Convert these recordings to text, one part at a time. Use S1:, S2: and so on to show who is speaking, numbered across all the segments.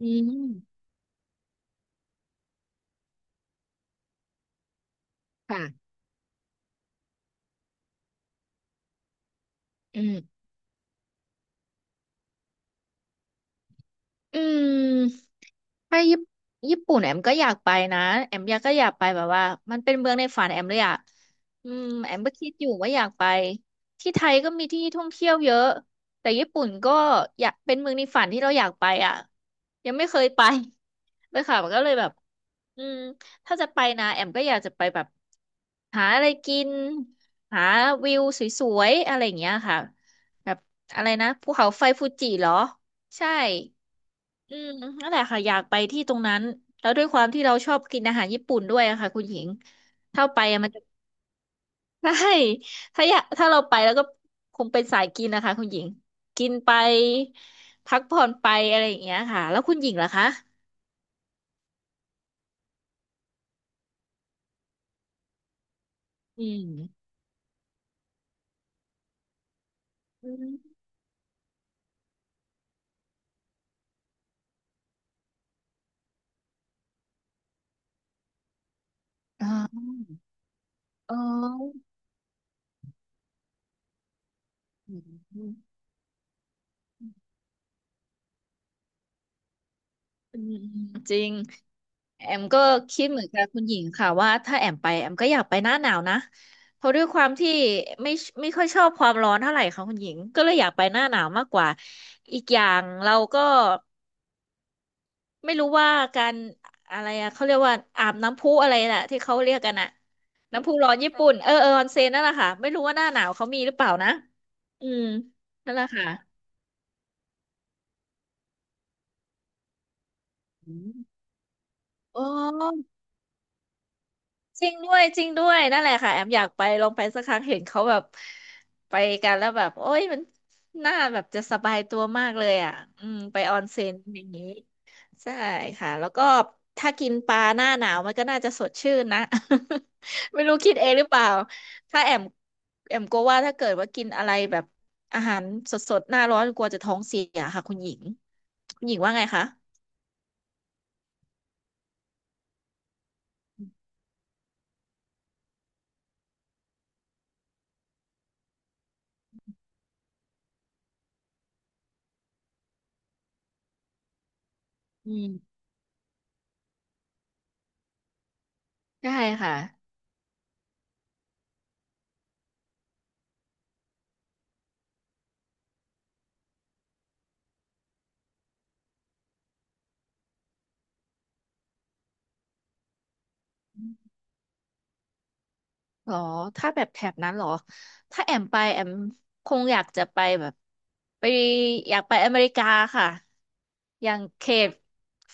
S1: อืมค่ะอืมอืมไปญี่ปุ่นแอมก็อยากไปนะแอมอยากไปแบบว่ามันเป็นเมืองในฝันแอมเลยอะแอมก็คิดอยู่ว่าอยากไปที่ไทยก็มีที่ท่องเที่ยวเยอะแต่ญี่ปุ่นก็อยากเป็นเมืองในฝันที่เราอยากไปอะยังไม่เคยไป เลยค่ะมันก็เลยแบบอืมถ้าจะไปนะแอมก็อยากจะไปแบบ หาอะไรกินหาวิวสวยๆอะไรอย่างเงี้ยค่ะแบบอะไรนะภูเขาไฟฟูจิเหรอใช่อืมนั่นแหละค่ะอยากไปที่ตรงนั้นแล้วด้วยความที่เราชอบกินอาหารญี่ปุ่นด้วยอะค่ะคุณหญิงถ้าไปอะมันจะ ใช่ถ้าเราไปแล้วก็คงเป็นสายกินนะคะคุณหญิงกินไปพักผ่อนไปอะไรอย่างเงี้ยค่ะแล้วคุณหญิงล่ะคะอืมอืมอ๋ออ๋ออืมอืมอืมจริง แอมก็คิดเหมือนกับคุณหญิงค่ะว่าถ้าแอมไปแอมก็อยากไปหน้าหนาวนะเพราะด้วยความที่ไม่ไม่ค่อยชอบความร้อนเท่าไหร่ค่ะคุณหญิงก็เลยอยากไปหน้าหนาวมากกว่าอีกอย่างเราก็ไม่รู้ว่าการอะไรอะเขาเรียกว่าอาบน้ำพุอะไรน่ะที่เขาเรียกกันอะน้ำพุร้อนญี่ปุ่นเออออนเซ็นนั่นแหละค่ะไม่รู้ว่าหน้าหนาวเขามีหรือเปล่านะอืมนั่นแหละค่ะอืมอ๋อ จริงด้วยจริงด้วยนั่นแหละค่ะแอมอยากไปลองไปสักครั้งเห็นเขาแบบไปกันแล้วแบบโอ้ยมันน่าแบบจะสบายตัวมากเลยอ่ะอืมไปออนเซ็นอย่างนี้ใช่ค่ะแล้วก็ถ้ากินปลาหน้าหนาวมันก็น่าจะสดชื่นนะ ไม่รู้คิดเองหรือเปล่าถ้าแอมแอมกลัวว่าถ้าเกิดว่ากินอะไรแบบอาหารสดๆหน้าร้อนกลัวจะท้องเสียค่ะคุณหญิงคุณหญิงว่าไงคะอืมใช่ค่ะ หรอถ้าแบบแถบนั้นหรอถ้าแอมไปแอมคงอยากจะไปแบบไปอยากไปอเมริกาค่ะ อย่างเขต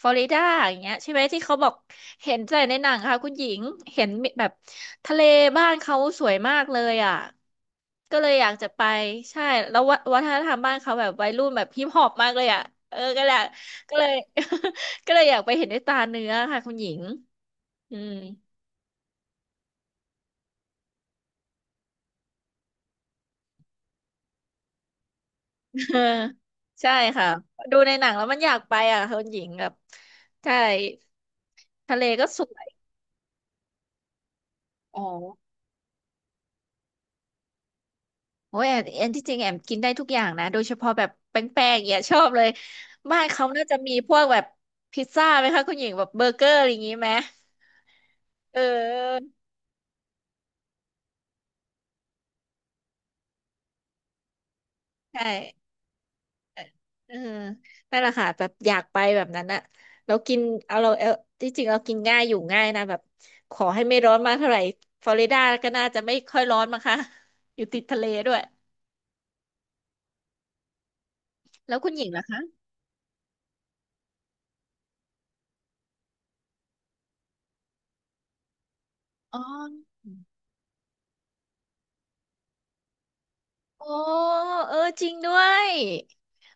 S1: ฟลอริดาอย่างเงี้ยใช่ไหมที่เขาบอกเห็นแต่ในหนังค่ะคุณหญิง เห็นแบบทะเลบ้านเขาสวยมากเลยอ่ะก็เลยอยากจะไปใช่แล้ววะวัฒนธรรมบ้านเขาแบบวัยรุ่นแบบฮิปฮอปมากเลยอ่ะเออก็แหละก็เลย ก็เลยอยากไปเห็นด้วยตาเนื้อค่ะคุณหญิงอืม เออใช่ค่ะดูในหนังแล้วมันอยากไปอ่ะคุณหญิงแบบใช่ทะเลก็สวยอ๋อโอ้ยแอนที่จริงแอมกินได้ทุกอย่างนะโดยเฉพาะแบบแป้งๆอย่างเนี่ยชอบเลยบ้านเขาน่าจะมีพวกแบบพิซซ่าไหมคะคุณหญิงแบบเบอร์เกอร์อะไรอย่างนี้ไหมเออใช่ เออนั่นแหละค่ะแบบอยากไปแบบนั้นอะแล้วกินเอาเราเออที่จริงเรากินง่ายอยู่ง่ายนะแบบขอให้ไม่ร้อนมากเท่าไหร่ฟลอริดาก็น่าจะไม่ค่อยร้อนมั้งคะอยู่ติดทะเลด้วยแล้วคุณหญิงล่ะคะอ๋อโอ้เออจริงด้วย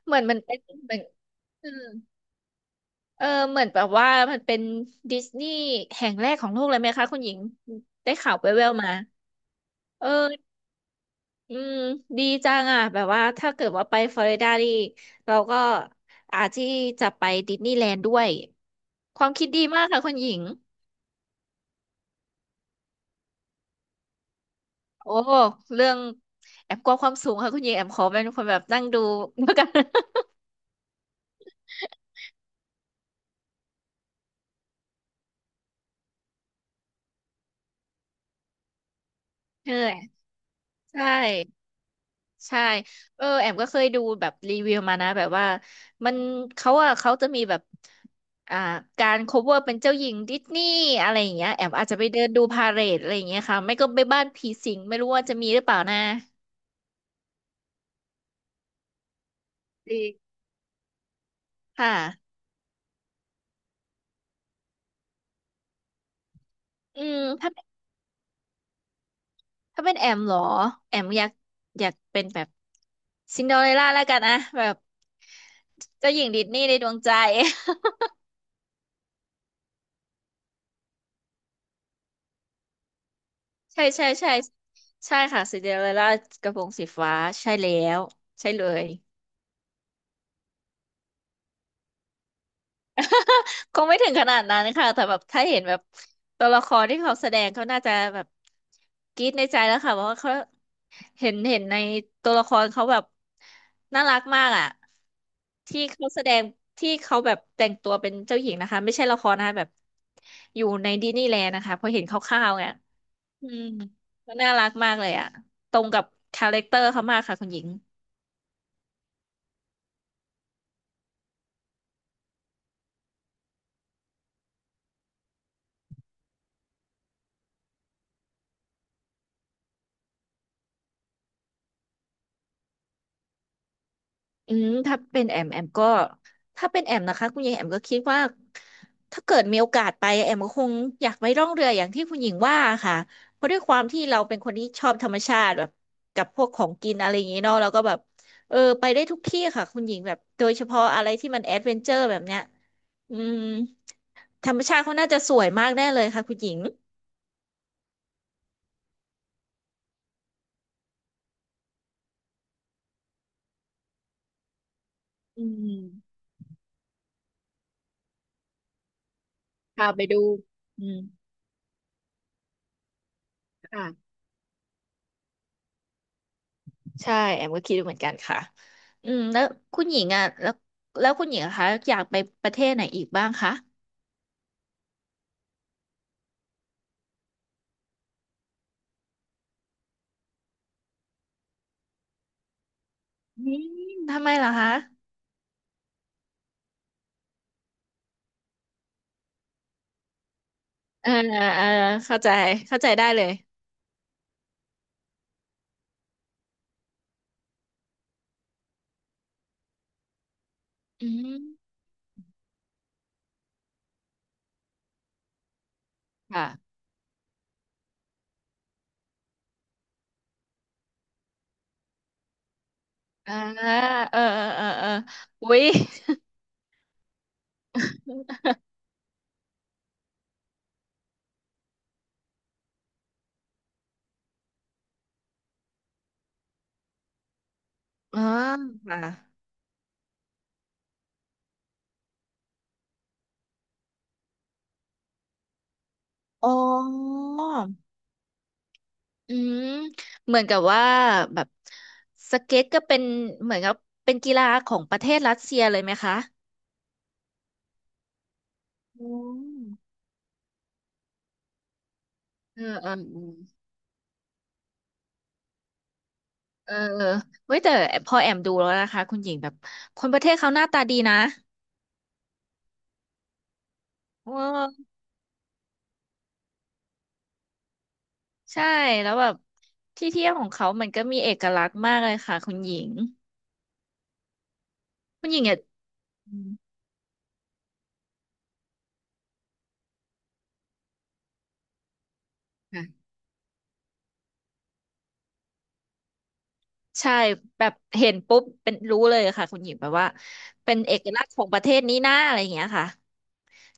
S1: เหมือนมันเป็นเหมือนอืมเออเหมือนแบบว่ามันเป็นดิสนีย์แห่งแรกของโลกเลยไหมคะคุณหญิงได้ข่าวแว่วๆมาเออ อืมดีจังอ่ะแบบว่าถ้าเกิดว่าไปฟลอริดานี่เราก็อาจที่จะไปดิสนีย์แลนด์ด้วยความคิดดีมากค่ะคุณหญิงโอ้เรื่องแอมกลัวความสูงค่ะคุณหญิงแอมขอเป็นคนแบบนั่งดู แล้วกัน เออใช่ใช่เออแอมก็เคยดูแบบรีวิวมานะแบบว่ามันเขาอะเขาจะมีแบบอ่าการ cover เป็นเจ้าหญิงดิสนีย์อะไรอย่างเงี้ยแอมอาจจะไปเดินดูพาเหรดอะไรอย่างเงี้ยค่ะไม่ก็ไปบ้านผีสิงไม่รู้ว่าจะมีหรือเปล่านะ ดีค่ะอืมถ้าเป็นแอมเหรอ แอมอยากเป็นแบบซินเดอเรลล่าแล้วกันนะแบบเจ้าหญิงดิสนีย์ในดวงใจ ใช่ใช่ใช่ใช่ค่ะซินเดอเรลล่ากระโปรงสีฟ้า ใช่แล้ว ใช่เลย คงไม่ถึงขนาดนั้นค่ะ แต่แบบถ้าเห็นแบบตัวละครที่เขาแสดงเขาน่าจะแบบกรี๊ดในใจแล้วค่ะเพราะว่าเขา เห็นในตัวละครเขาแบบน่ารักมากอ่ะที่เขาแสดงที่เขาแบบแต่งตัวเป็นเจ้าหญิงนะคะไม่ใช่ละครนะคะแบบอยู่ในดิสนีย์แลนด์นะคะพอเห็นคร่าวๆเนี่ยอืมก็น่ารักมากเลยอ่ะตรงกับคาแรคเตอร์เขามากค่ะคุณหญิง อืมถ้าเป็นแอมก็ถ้าเป็นแอมนะคะคุณหญิงแอมก็คิดว่าถ้าเกิดมีโอกาสไปแอมก็คงอยากไปล่องเรืออย่างที่คุณหญิงว่าค่ะเพราะด้วยความที่เราเป็นคนที่ชอบธรรมชาติแบบกับพวกของกินอะไรอย่างนี้เนาะเราก็แบบไปได้ทุกที่ค่ะคุณหญิงแบบโดยเฉพาะอะไรที่มันแอดเวนเจอร์แบบเนี้ยอืมธรรมชาติเขาน่าจะสวยมากแน่เลยค่ะคุณหญิงอืมพาไปดูอืมค่ะ ใช่แอมก็คิดเหมือนกันค่ะ อืมแล้วคุณหญิงแล้วคุณหญิงอะคะอยากไปประเทศไหนอีกบ้างคะอืมทำไมเหรอคะ เออเออเข้าใจเข้าใจได้เลยอืมค่ะอ่าเอออุ๊ย อ๋อค่ะอ๋ออืมเหมือนกับว่าแบบสเก็ตก็เป็นเหมือนกับเป็นกีฬาของประเทศรัสเซียเลยไหมคะ อืมเออเออ เออเว้ยแต่พอแอมดูแล้วนะคะคุณหญิงแบบคนประเทศเขาหน้าตาดีนะเออใช่แล้วแบบที่เที่ยวของเขามันก็มีเอกลักษณ์มากเลยค่ะคุณหญิงคุณหญิงเนี่ยอืมค่ะใช่แบบเห็นปุ๊บเป็นรู้เลยค่ะคุณหญิงแบบว่าเป็นเอกลักษณ์ของประเทศนี้นะอะไรอย่างเงี้ยค่ะ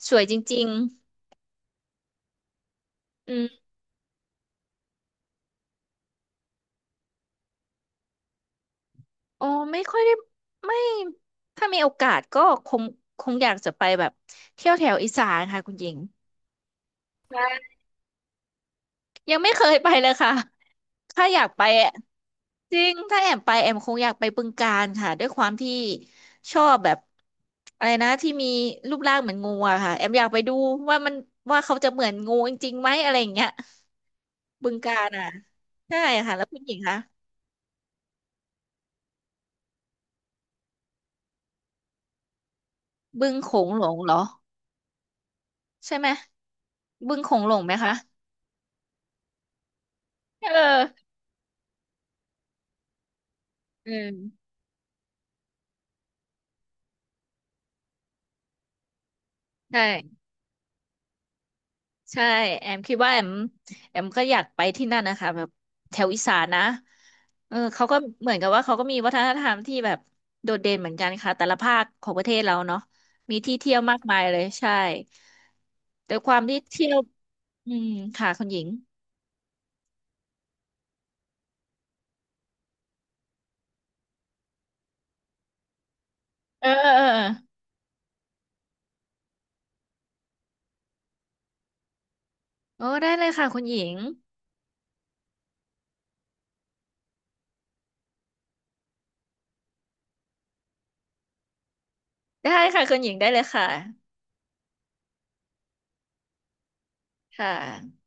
S1: สวยจริงๆอืมโอ้ไม่ค่อยได้ไม่ถ้ามีโอกาสก็คงคงอยากจะไปแบบเที่ยวแถวอีสานค่ะคุณหญิง ยังไม่เคยไปเลยค่ะ ถ้าอยากไปอะจริง ถ้าแอมไปแอมคงอยากไปบึงกาฬค่ะด้วยความที่ชอบแบบอะไรนะที่มีรูปร่างเหมือนงูอะค่ะแอมอยากไปดูว่ามันว่าเขาจะเหมือนงูจริงๆไหมอะไรอย่างเงี้ยบึงกาฬอ่ะใช่ค่ะแล้วคุณหญิงคะบึงโขงหลงเหรอใช่ไหมบึงโขงหลงไหมคะเอออืมใช่ ใช่แอมคิดว่าแอมก็อยากไปที่นั่นนะคะแบบแถวอีสานนะเออเขาก็เหมือนกับว่าเขาก็มีวัฒนธรรมที่แบบโดดเด่นเหมือนกันค่ะแต่ละภาคของประเทศเราเนาะมีที่เที่ยวมากมายเลยใช่แต่ความที่เที่ยวอืมค่ะคุณหญิงเออเออเออโอ้ได้เลยค่ะคุณหญิงได้ค่ะคุณหญิงได้เลยค่ะค่ะ